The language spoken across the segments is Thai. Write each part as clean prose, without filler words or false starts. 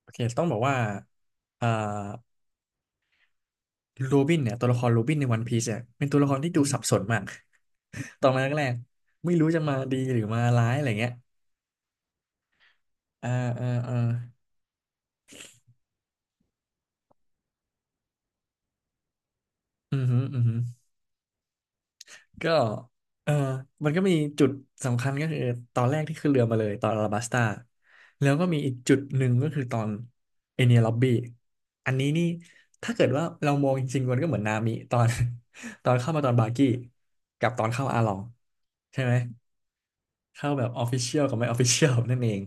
โอเคต้องบอกว่าอ่าโรบินเนี่ยตัวละครโรบินในวันพีซเนี่ยเป็นตัวละครที่ดูสับสนมาก ตอนแรกแรกไม่รู้จะมาดีหรือมาร้ายอะไรเงี้ยอ่าอ่าอ่าอือหืออือหือก็เออมันก็มีจุดสำคัญก็คือตอนแรกที่ขึ้นเรือมาเลยตอนอาราบัสตาแล้วก็มีอีกจุดหนึ่งก็คือตอนเอเนียล็อบบี้อันนี้นี่ถ้าเกิดว่าเรามองจริงๆมันก็เหมือนนามิตอน ตอนเข้ามาตอนบาร์กี้กับตอนเข้าอาลองใช่ไหม เข้าแบบออฟฟิเชียลกับไม่ออฟฟิเชียลนั่นเอง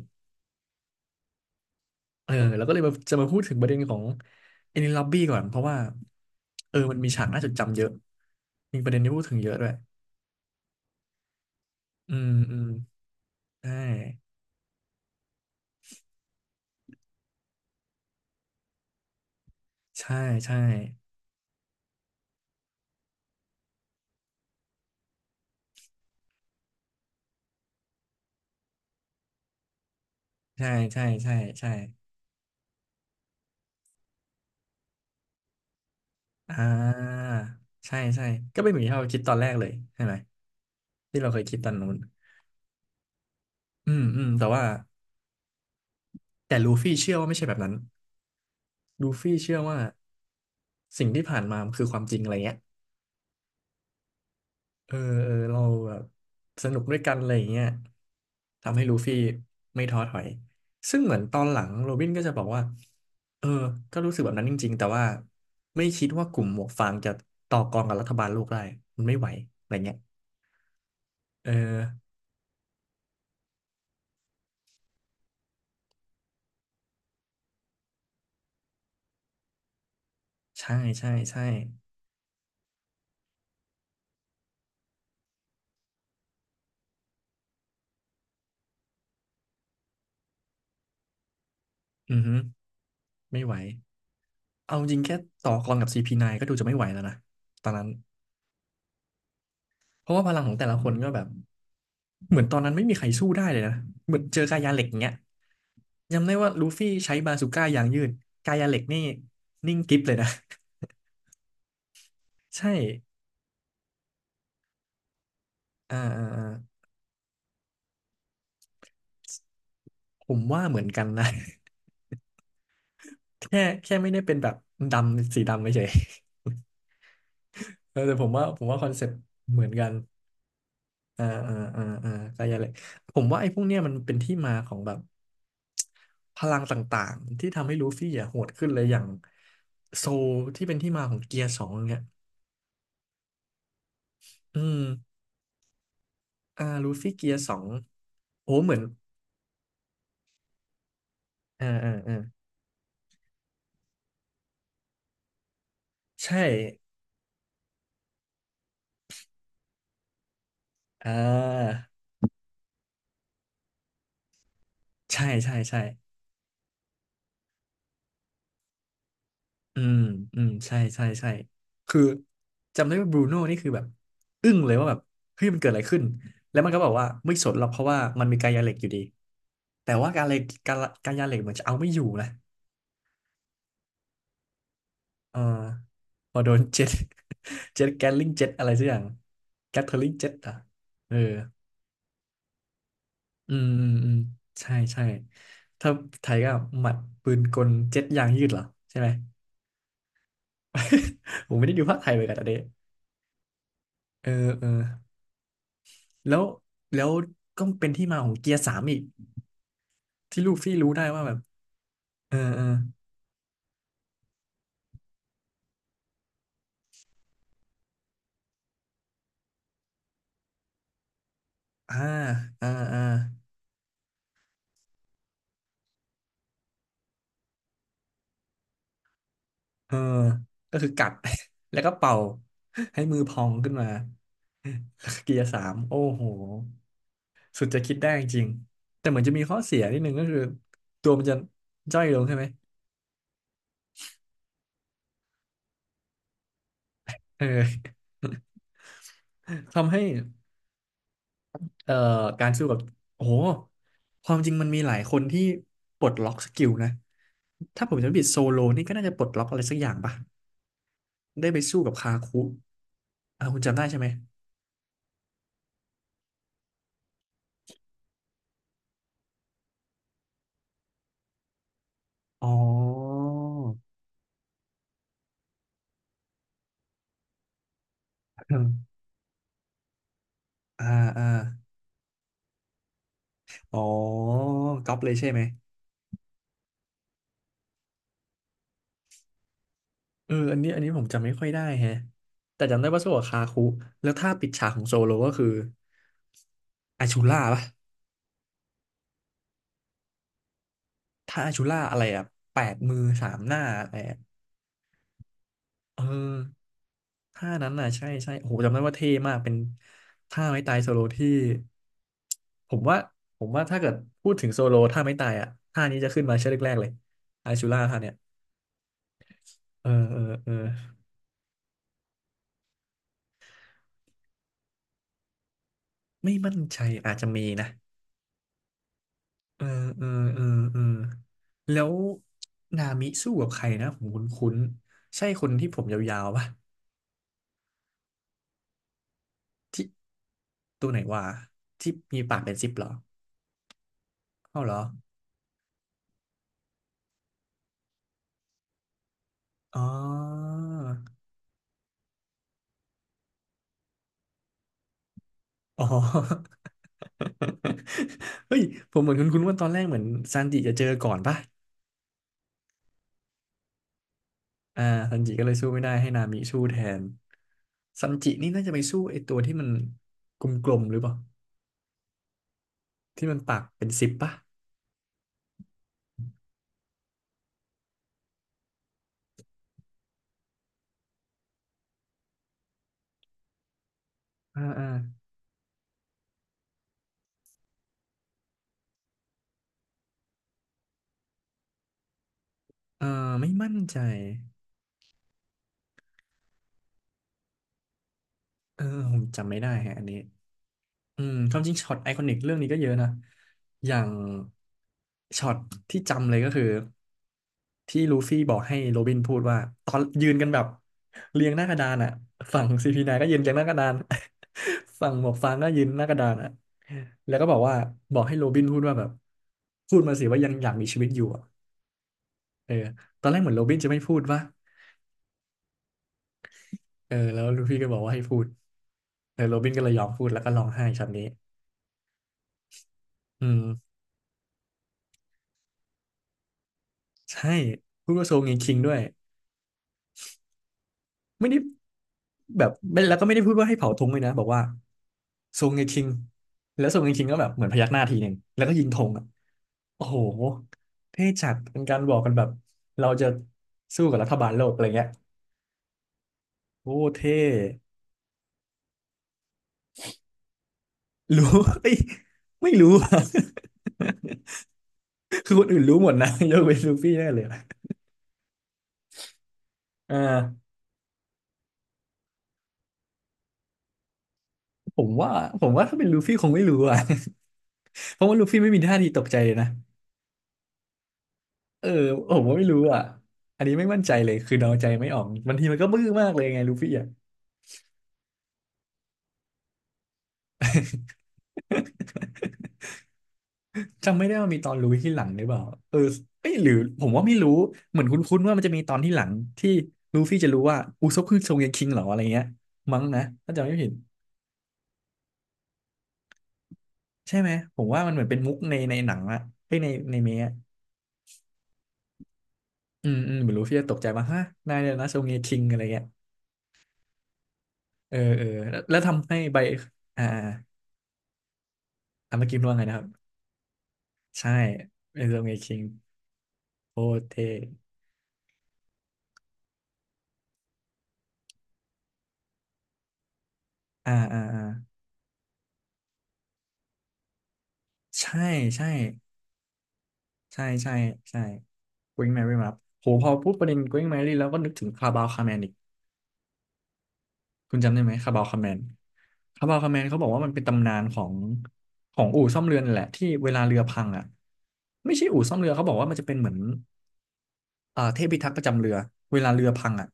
แล้วก็เลยมาจะมาพูดถึงประเด็นของเอนิล็อบบี้ก่อนเพราะว่ามันมีฉากน่าจดจำเยอะมีประเด็นที่พูดถึงเยอะด้วยอืมอืมใช่ใช่ใช่ใช่ ใช่ ใช่ใช่อ่าใช่ใช่ก็เป็นเหมือนที่เราคิดตอนแรกเลยใช่ไหมที่เราเคยคิดตอนนู้นอืมอืมแต่ว่าแต่ลูฟี่เชื่อว่าไม่ใช่แบบนั้นลูฟี่เชื่อว่าสิ่งที่ผ่านมามันคือความจริงอะไรเงี้ย เออเออเราแบบสนุกด้วยกันอะไรอย่างเงี้ยทำให้ลูฟี่ไม่ท้อถอยซึ่งเหมือนตอนหลังโรบินก็จะบอกว่าเออก็รู้สึกแบบนั้นจริงๆแต่ว่าไม่คิดว่ากลุ่มหมวกฟางจะต่อกรกับรัฐบาลโลกได้มันไม่ไหวอะไรเงี้ยเออใช่ใช่ใช่อือฮึไม่ไหวเอาจริงแค่ต่อกรกับ CP9 ก็ดูจะไม่ไหวแล้วนะตอนนั้นเพราะว่าพลังของแต่ละคนก็แบบเหมือนตอนนั้นไม่มีใครสู้ได้เลยนะเหมือนเจอกายาเหล็กอย่างเงี้ย จำได้ว่าลูฟี่ใช้บาซูก้ายางยืดกายาเหล็กนี่นิ่งกริบเลยนะ ใช่อ่าอ่าอ่าผมว่าเหมือนกันนะ แค่ไม่ได้เป็นแบบดำสีดำไม่ใช่ เออแต่ผมว่าคอนเซ็ปต์เหมือนกันอ่าอ่าอ่าอ่ากายาเหล็กผมว่าไอ้พวกเนี้ยมันเป็นที่มาของแบบพลังต่างๆที่ทำให้ลูฟี่อ่ะโหดขึ้นเลยอย่างโซลที่เป็นที่มาของเกียร์สองเนี่ยอืมลูฟี่เกียร์สองโอ้เหมือนอ่าอ่าอ่าใช่ อ่าใช่ใช่ใช่อืมอืมใช่ใช่ใช่คือจำได้ว่าบรูโน่นี่คือแบบอึ้งเลยว่าแบบเฮ้ยมันเกิดอะไรขึ้นแล้วมันก็บอกว่าไม่สนหรอกเพราะว่ามันมีกายาเหล็กอยู่ดีแต่ว่ากายาเหล็กเหมือนจะเอาไม่อยู่นะเออพอโดน เจ็ต เจ็ตแกลลิงเจ็ตอะไรสักอย่างแกทเทอริงเจ็ตอ่ะเอออืมอืมอืมใช่ใช่ถ้าไทยก็หมัดปืนกลเจ็ตยางยืดเหรอใช่ไหม ผมไม่ได้ดูภาคไทยเลยกันอันนี้ เออเออแล้วแล้วก็เป็นที่มาของเกียร์สามอีกที่ลูฟี่รู้ได้ว่าแบบเออเอออ่าอ่าอ่าเออก็คือกัด แล้วก็เป่าให้มือพองขึ้นมาเกียร์สามโอ้โหสุดจะคิดได้จริงแต่เหมือนจะมีข้อเสียนิดนึงก็คือตัวมันจะย่อยลงใช่ไหมเออ ทำให้ เอ่อการสู้กับโอ้โหความจริงมันมีหลายคนที่ปลดล็อกสกิลนะถ้าผมจำไม่ผิดโซโลนี่ก็น่าจะปลดล็อกอะไรสักอย่างปะได้ไปสู้กับคาคุอ่าคุณจำได้ใช่ไหมอ๋อ อ่าอ่าอ๋อก๊อปเลยใช่ไหมเอออันนี้ผมจำไม่ค่อยได้แฮะแต่จำได้ว่าสู้กับคาคุแล้วถ้าปิดฉากของโซโลก็คืออาชูล่าปะถ้าอาชูล่าอะไรอะแปดมือสามหน้าอะไรอะ เออท่านั้นน่ะใช่ใช่โอ้โหจำได้ว่าเท่มากเป็นท่าไม้ตายโซโลที่ผมว่าผมว่าถ้าเกิดพูดถึงโซโลท่าไม้ตายอ่ะท่านี้จะขึ้นมาชื่อแรกๆเลยอาชูล่าท่าเนี่ยเออเออเออไม่มั่นใจอาจจะมีนะเออเออเออเออแล้วนามิสู้กับใครนะผมคุ้นๆใช่คนที่ผมยาวๆป่ะที่ตัวไหนวะที่มีปากเป็นซิปเหรอเข้าเหรออ๋ออ๋อ เฮ้ยผมเหมือนคุณว่าตอนแรกเหมือนซันจิจะเจอก่อนป่ะอ่าซันจิก็เลยสู้ไม่ได้ให้นามิสู้แทนซันจินี่น่าจะไปสู้ไอ้ตัวที่มันกลมๆหรือเปล่าที่มันปากเป็นสิบป่ะอ่าอ่าเออไม่มั่นใจเออผมจำไม่ได้ฮะอันนี้ อืม ความจริงช็อตไอคอนิกเรื่องนี้ก็เยอะนะอย่างช็อตที่จำเลยก็คือที่ลูฟี่บอกให้โรบินพูดว่าตอนยืนกันแบบเรียงหน้ากระดานอ่ะฝั่งซีพีไนก็ยืนเรียงหน้ากระดาน ฝั่งหมวกฟางก็ยืนหน้ากระดานอ่ะแล้วก็บอกว่าบอกให้โรบินพูดว่าแบบพูดมาสิว่ายังอยากมีชีวิตอยู่อ่ะเออตอนแรกเหมือนโรบินจะไม่พูดว่าเออแล้วลูฟี่ก็บอกว่าให้พูดเออโรบินก็เลยยอมพูดแล้วก็ร้องไห้ช็อตนี้อืมใช่พูดว่าโซงเงคิงด้วยไม่ได้ แบบไม่แล้วก็ไม่ได้พูดว่าให้เผาธงเลยนะบอกว่าทรงไงคิงแล้วทรงไงคิงก็แบบเหมือนพยักหน้าทีหนึ่งแล้วก็ยิงธงอ่ะโอ้โหเท่จัดเป็นการบอกกันแบบเราจะสู้กับรัฐบาลโลกอะไรเงี้ยโอ้เท่รู้ เอ้ยไม่รู้อะ คือคนอื่นรู้หมดนะยกเว้นลูฟี่แน่เลยอะอ่าผมว่าผมว่าถ้าเป็นลูฟี่คงไม่รู้อ่ะ เพราะว่าลูฟี่ไม่มีท่าทีตกใจเลยนะเออผมว่าไม่รู้อ่ะอันนี้ไม่มั่นใจเลยคือเดาใจไม่ออกบางทีมันก็บื้อมากเลยไงลูฟี่อ่ะ จำไม่ได้ว่ามีตอนรู้ที่หลังหรือเปล่าเออเอ้ยหรือผมว่าไม่รู้ เหมือนคุ้นๆว่ามันจะมีตอนที่หลังที่ลูฟี่จะรู้ว่าอุซปคือทรงเรียนคิงเหรออะไรเงี้ยมั้งนะถ้าจำไม่ผิดใช่ไหมผมว่ามันเหมือนเป็นมุกในหนังอะเอ้ยในเมะอะอืมอืมเหมือนลูฟี่จะตกใจว่าฮะนายเนี่ยนะทรงเรียนคิงอะไรเงี้ยเออเออแล้วทำให้ใบอ่าอ่าอ่าเมื่อกี้พูดว่าไงนะครับใช่เป็นทรงเรียนคิงโคตรเท่อ่าอ่าอ่าใช่ใช่ ใช่ใช่ใช่ Going Merry มารับโหพอพูดประเด็น Going Merry แล้วก็นึกถึงคาบาวคาแมนอีกคุณจำได้ไหมคาบาวคาแมนคาบาวคาแมนเขาบอกว่ามันเป็นตำนานของอู่ซ่อมเรือนั่นแหละที่เวลาเรือพังอ่ะไม่ใช่อู่ซ่อมเรือเขาบอกว่ามันจะเป็นเหมือนเทพพิทักษ์ประจำเรือเวลาเรือพังอ่ะ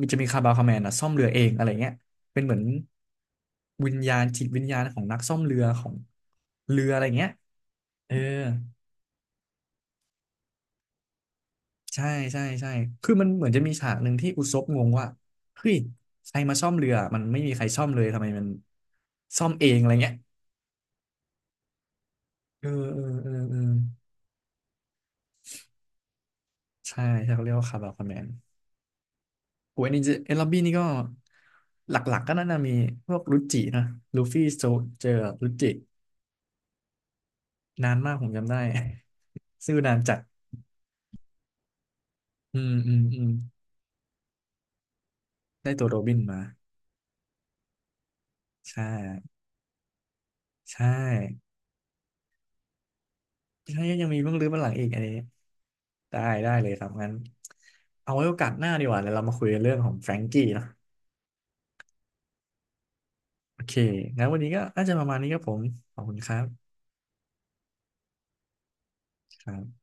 มันจะมีคาบาวคาแมนอ่ะซ่อมเรือเองอะไรเงี้ยเป็นเหมือนวิญญาณจิตวิญญาณของนักซ่อมเรือของเรืออะไรเงี้ยเออ ใช่ใช่ใช่คือมันเหมือนจะมีฉากหนึ่งที่อุซบงงว่าเฮ้ยใครมาซ่อมเรือมันไม่มีใครซ่อมเลยทำไมมันซ่อมเองอะไรเงี้ยเออเออเออเออใช่ใช่เขาเรียกว่าคาบาคอมแมนโอ้ยอันนี้จะเอลลอบบี้นี่ก็หลักๆก็น่าจะมีพวกรุจินะลูฟี่โซเจอรุจินานมากผมจำได้ ซื่อนานจัดอืมอืมอืมได้ตัวโรบินมาใช่ใช่ใช่ยังมีเบื้องลึกเบื้องหลังอีกอันนี้ ได้ได้เลยครับงั้นเอาไว้โอกาสหน้าดีกว่าเดี๋ยวเรามาคุยกันเรื่องของแฟรงกี้เนอะโอเคงั้นวันนี้ก็น่าจะประมาณนี้ครับผมขอบคุณครับครับ